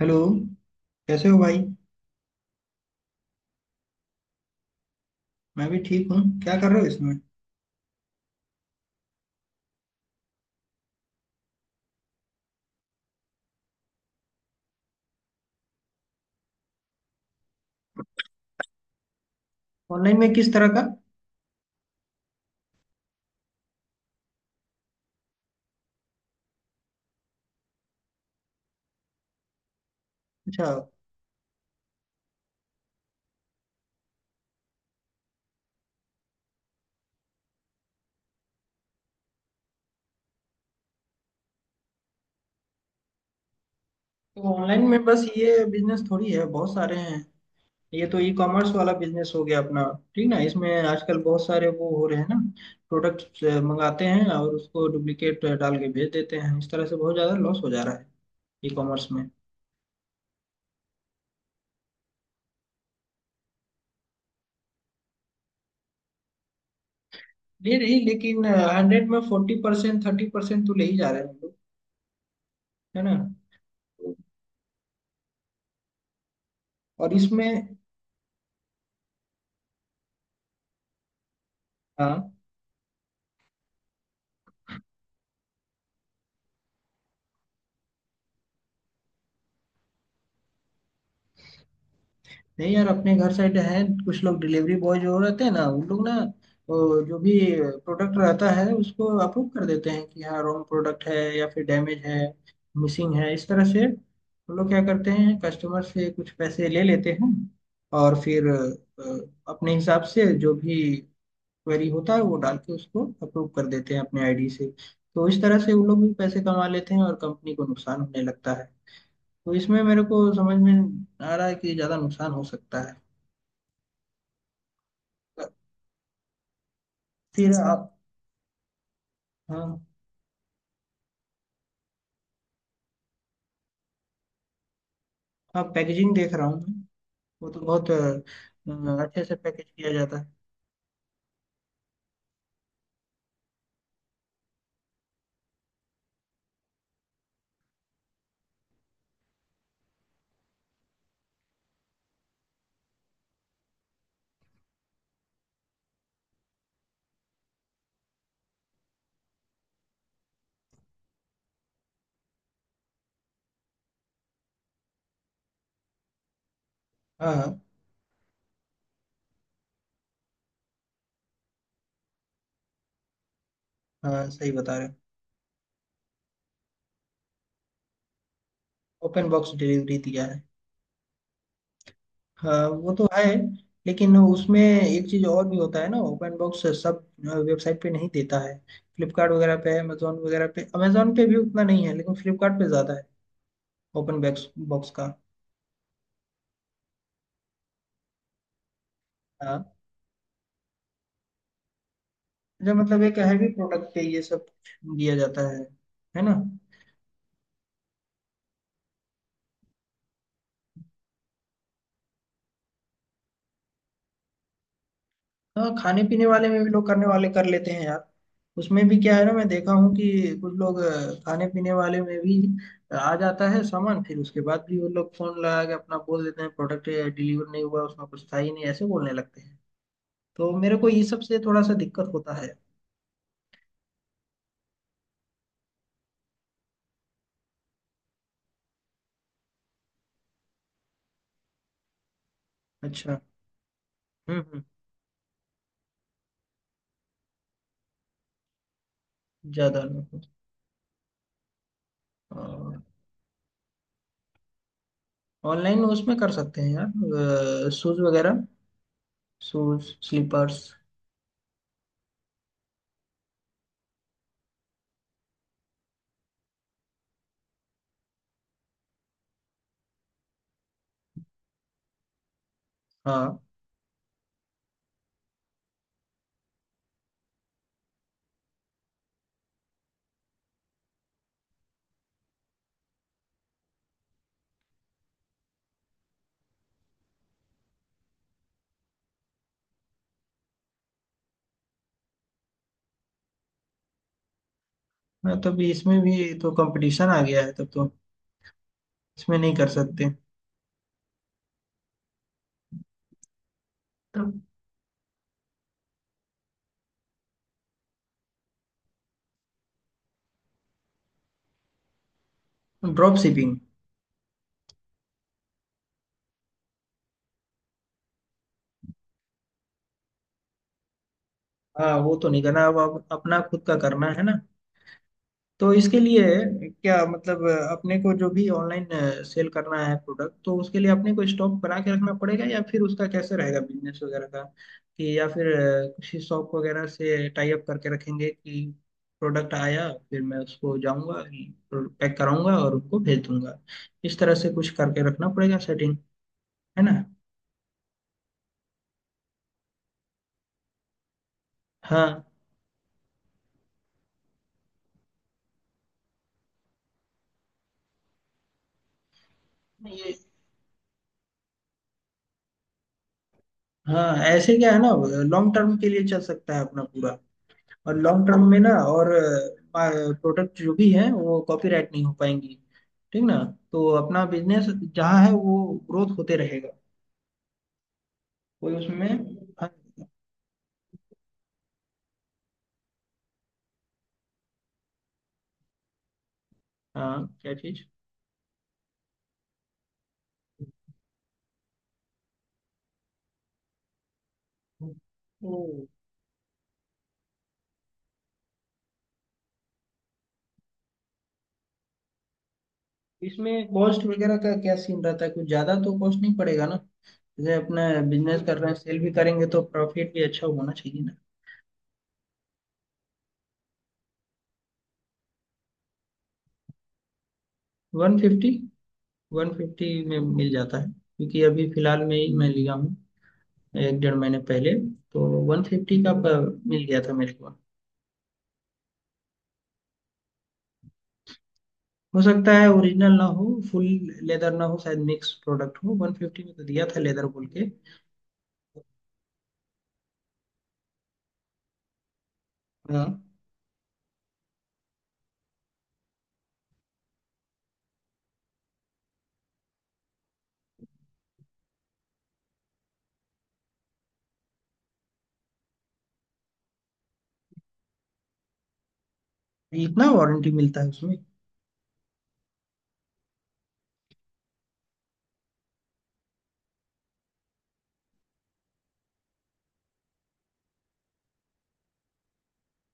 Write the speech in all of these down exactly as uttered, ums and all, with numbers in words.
Hello, कैसे हो भाई। मैं भी ठीक हूँ। क्या कर रहे हो इसमें। ऑनलाइन में किस तरह का। अच्छा। तो ऑनलाइन में बस ये बिजनेस थोड़ी है, बहुत सारे हैं। ये तो ई कॉमर्स वाला बिजनेस हो गया अपना। ठीक ना, इसमें आजकल बहुत सारे वो हो रहे हैं ना। प्रोडक्ट मंगाते हैं और उसको डुप्लीकेट डाल के भेज देते हैं, इस तरह से बहुत ज़्यादा लॉस हो जा रहा है ई कॉमर्स में। ले रही, लेकिन हंड्रेड में फोर्टी परसेंट थर्टी परसेंट तो ले ही जा रहे हैं हम लोग, है ना। और इसमें। हाँ। नहीं यार, अपने घर साइड है, कुछ लोग डिलीवरी बॉय जो रहते हैं ना उन लोग ना, वो जो भी प्रोडक्ट रहता है उसको अप्रूव कर देते हैं कि हाँ रॉन्ग प्रोडक्ट है या फिर डैमेज है मिसिंग है। इस तरह से वो लोग क्या करते हैं, कस्टमर से कुछ पैसे ले लेते हैं। और फिर अ, अपने हिसाब से जो भी क्वेरी होता है वो डाल के उसको अप्रूव कर देते हैं अपने आईडी से। तो इस तरह से वो लोग भी पैसे कमा लेते हैं और कंपनी को नुकसान होने लगता है। तो इसमें मेरे को समझ में आ रहा है कि ज़्यादा नुकसान हो सकता है। फिर आप। हाँ। हाँ, पैकेजिंग देख रहा हूँ मैं। वो तो बहुत अ, अच्छे से पैकेज किया जाता है। हाँ हाँ। हाँ, सही बता रहे हो। ओपन बॉक्स डिलीवरी दिया है। हाँ वो तो है। लेकिन उसमें एक चीज़ और भी होता है ना, ओपन बॉक्स सब वेबसाइट पे नहीं देता है। फ्लिपकार्ट वगैरह पे, अमेजोन वगैरह पे, अमेजोन पे भी उतना नहीं है लेकिन फ्लिपकार्ट पे ज़्यादा है। ओपन बॉक्स बॉक्स का। हाँ। अच्छा, मतलब एक हैवी प्रोडक्ट पे ये सब दिया जाता है है ना। हाँ, खाने पीने वाले में भी लोग करने वाले कर लेते हैं यार। उसमें भी क्या है ना, मैं देखा हूँ कि कुछ लोग अ, खाने पीने वाले में भी आ जाता है सामान, फिर उसके बाद भी वो लोग फोन लगा के अपना बोल देते हैं प्रोडक्ट डिलीवर नहीं हुआ, उसमें कुछ था ही नहीं, ऐसे बोलने लगते हैं। तो मेरे को ये सब से थोड़ा सा दिक्कत होता है। अच्छा। हम्म हम्म। ज्यादा लोग ऑनलाइन उसमें कर सकते हैं यार, शूज वगैरह, शूज स्लीपर्स। हाँ। हाँ, तब इसमें भी तो कंपटीशन आ गया है, तब तो इसमें नहीं कर सकते। Drop shipping. हाँ वो तो नहीं करना, अब अब अपना खुद का करना है ना। तो इसके लिए क्या मतलब अपने को जो भी ऑनलाइन सेल करना है प्रोडक्ट, तो उसके लिए अपने को स्टॉक बना के रखना पड़ेगा, या फिर उसका कैसे रहेगा बिजनेस वगैरह का, कि या फिर अ, किसी शॉप वगैरह से टाई अप करके रखेंगे कि प्रोडक्ट आया फिर मैं उसको जाऊंगा पैक कराऊंगा और उनको भेज दूंगा, इस तरह से कुछ करके रखना पड़ेगा सेटिंग, है ना। हाँ ये। हाँ, ऐसे क्या है ना, लॉन्ग टर्म के लिए चल सकता है अपना पूरा। और लॉन्ग टर्म में ना, और प्रोडक्ट जो भी है वो कॉपीराइट नहीं हो पाएंगी। ठीक ना। तो अपना बिजनेस जहाँ है वो ग्रोथ होते रहेगा, कोई उसमें फंस- नहीं। हाँ, क्या चीज। तो इसमें कॉस्ट वगैरह का क्या सीन रहता है, कुछ ज्यादा तो कॉस्ट नहीं पड़ेगा ना, जैसे अपना बिजनेस कर रहे हैं सेल भी करेंगे तो प्रॉफिट भी अच्छा होना चाहिए ना। One fifty. वन फिफ्टी में मिल जाता है, क्योंकि अभी फिलहाल में ही मैं लिया हूँ, एक डेढ़ महीने पहले, तो वन फिफ्टी का प- मिल गया था मेरे को। हो सकता है ओरिजिनल ना हो, फुल लेदर ना हो, शायद मिक्स प्रोडक्ट हो, वन फिफ्टी में तो दिया था लेदर बोल के। हाँ। इतना वारंटी मिलता है उसमें।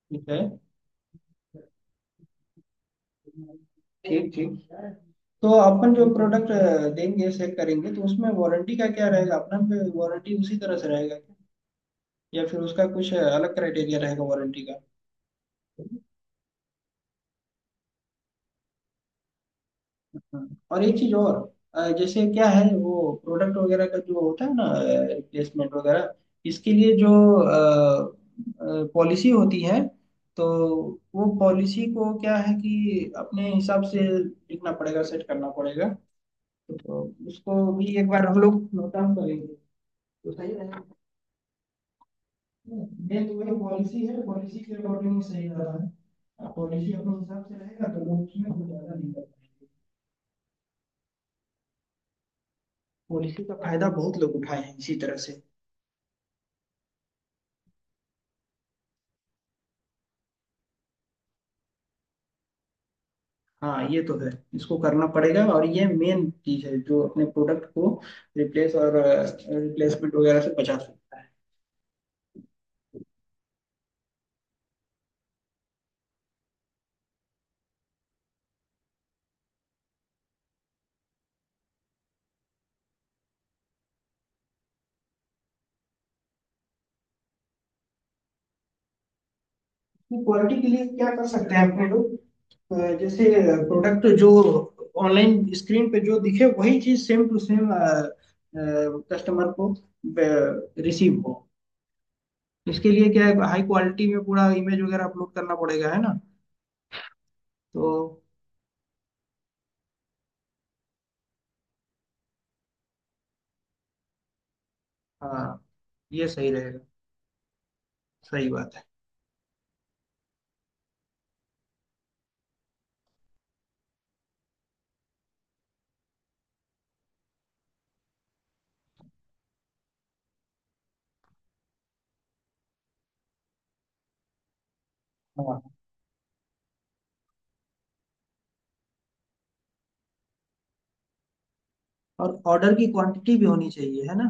ठीक है। ठीक ठीक। तो अपन जो प्रोडक्ट देंगे सेल करेंगे तो उसमें वारंटी का क्या रहेगा अपना, वारंटी उसी तरह से रहेगा क्या, या फिर उसका कुछ अलग क्राइटेरिया रहेगा वारंटी का। हाँ, और एक चीज और अ, जैसे क्या है वो प्रोडक्ट वगैरह का जो होता है ना, रिप्लेसमेंट वगैरह, इसके लिए जो पॉलिसी होती है, तो वो पॉलिसी को क्या है कि अपने हिसाब से लिखना पड़ेगा सेट करना पड़ेगा, तो उसको भी एक बार हम लोग नोट डाउन करेंगे तो सही रहेगा। मेन तो वही पॉलिसी है, पॉलिसी के अकॉर्डिंग सही रहा है, पॉलिसी अपने हिसाब से रहेगा तो लोग उसमें कुछ ज्यादा नहीं कर पाएंगे। पॉलिसी का फायदा बहुत लोग उठाए हैं इसी तरह से। हाँ ये तो है, इसको करना पड़ेगा और ये मेन चीज है जो अपने प्रोडक्ट को रिप्लेस और रिप्लेसमेंट वगैरह से बचा सकता है। क्वालिटी के लिए क्या कर सकते हैं अपने लोग। अ, जैसे प्रोडक्ट जो ऑनलाइन स्क्रीन पे जो दिखे वही चीज सेम टू सेम कस्टमर को रिसीव हो, इसके लिए क्या है, हाई क्वालिटी में पूरा इमेज वगैरह अपलोड करना पड़ेगा है ना, तो। हाँ ये सही रहेगा, सही बात है। हाँ। और ऑर्डर की क्वांटिटी भी होनी चाहिए है ना,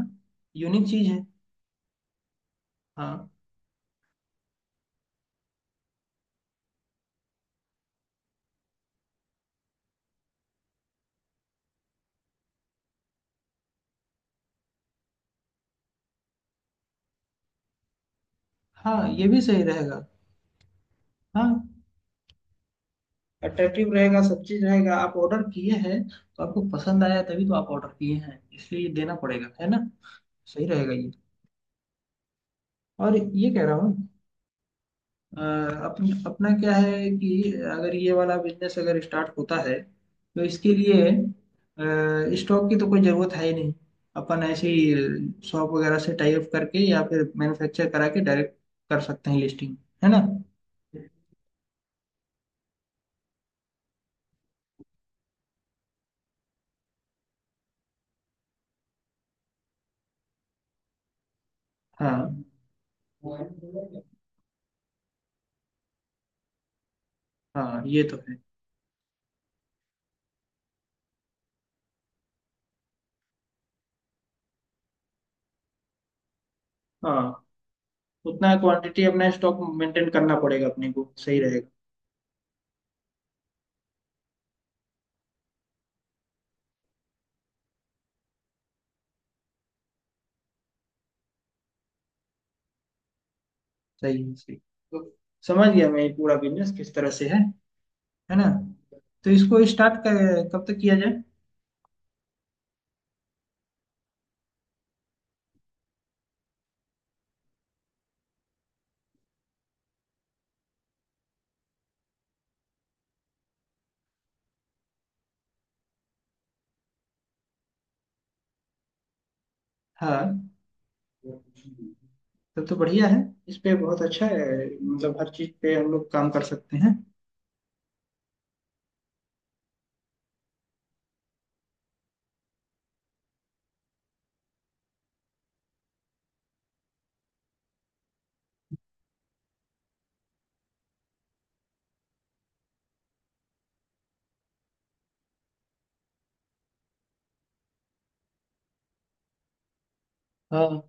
यूनिक चीज है। हाँ। हाँ ये भी सही रहेगा। हाँ, अट्रैक्टिव रहेगा, सब चीज रहेगा, आप ऑर्डर किए हैं तो आपको पसंद आया तभी तो आप ऑर्डर किए हैं, इसलिए ये देना पड़ेगा है ना। सही रहेगा ये। और ये कह रहा हूँ अ, अपन अपना क्या है कि अगर ये वाला बिजनेस अगर स्टार्ट होता है तो इसके लिए स्टॉक की तो कोई ज़रूरत है ही नहीं। अपन ऐसे ही शॉप वगैरह से टाई अप करके या फिर मैन्युफैक्चर करा के डायरेक्ट कर सकते हैं लिस्टिंग, है ना। हाँ। हाँ ये तो है। हाँ, उतना क्वांटिटी अपना स्टॉक मेंटेन करना पड़ेगा अपने को सही रहेगा। सही है सही तो, समझ गया मैं ये पूरा बिजनेस किस तरह से है है ना। तो इसको स्टार्ट कर कब तक किया जाए। हाँ तब तो बढ़िया है। इस पे बहुत अच्छा है, मतलब हर चीज पे हम लोग काम कर सकते हैं। हाँ,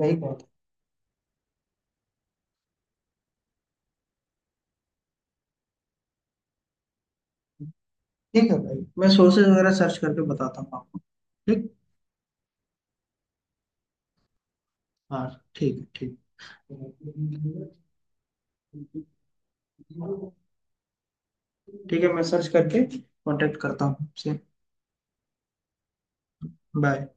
सही बात है। ठीक है भाई, मैं सोर्सेज वगैरह सर्च करके बताता हूँ आपको। ठीक। हाँ। ठीक है ठीक। ठीक है, मैं सर्च करके कांटेक्ट करता हूँ आपसे। बाय।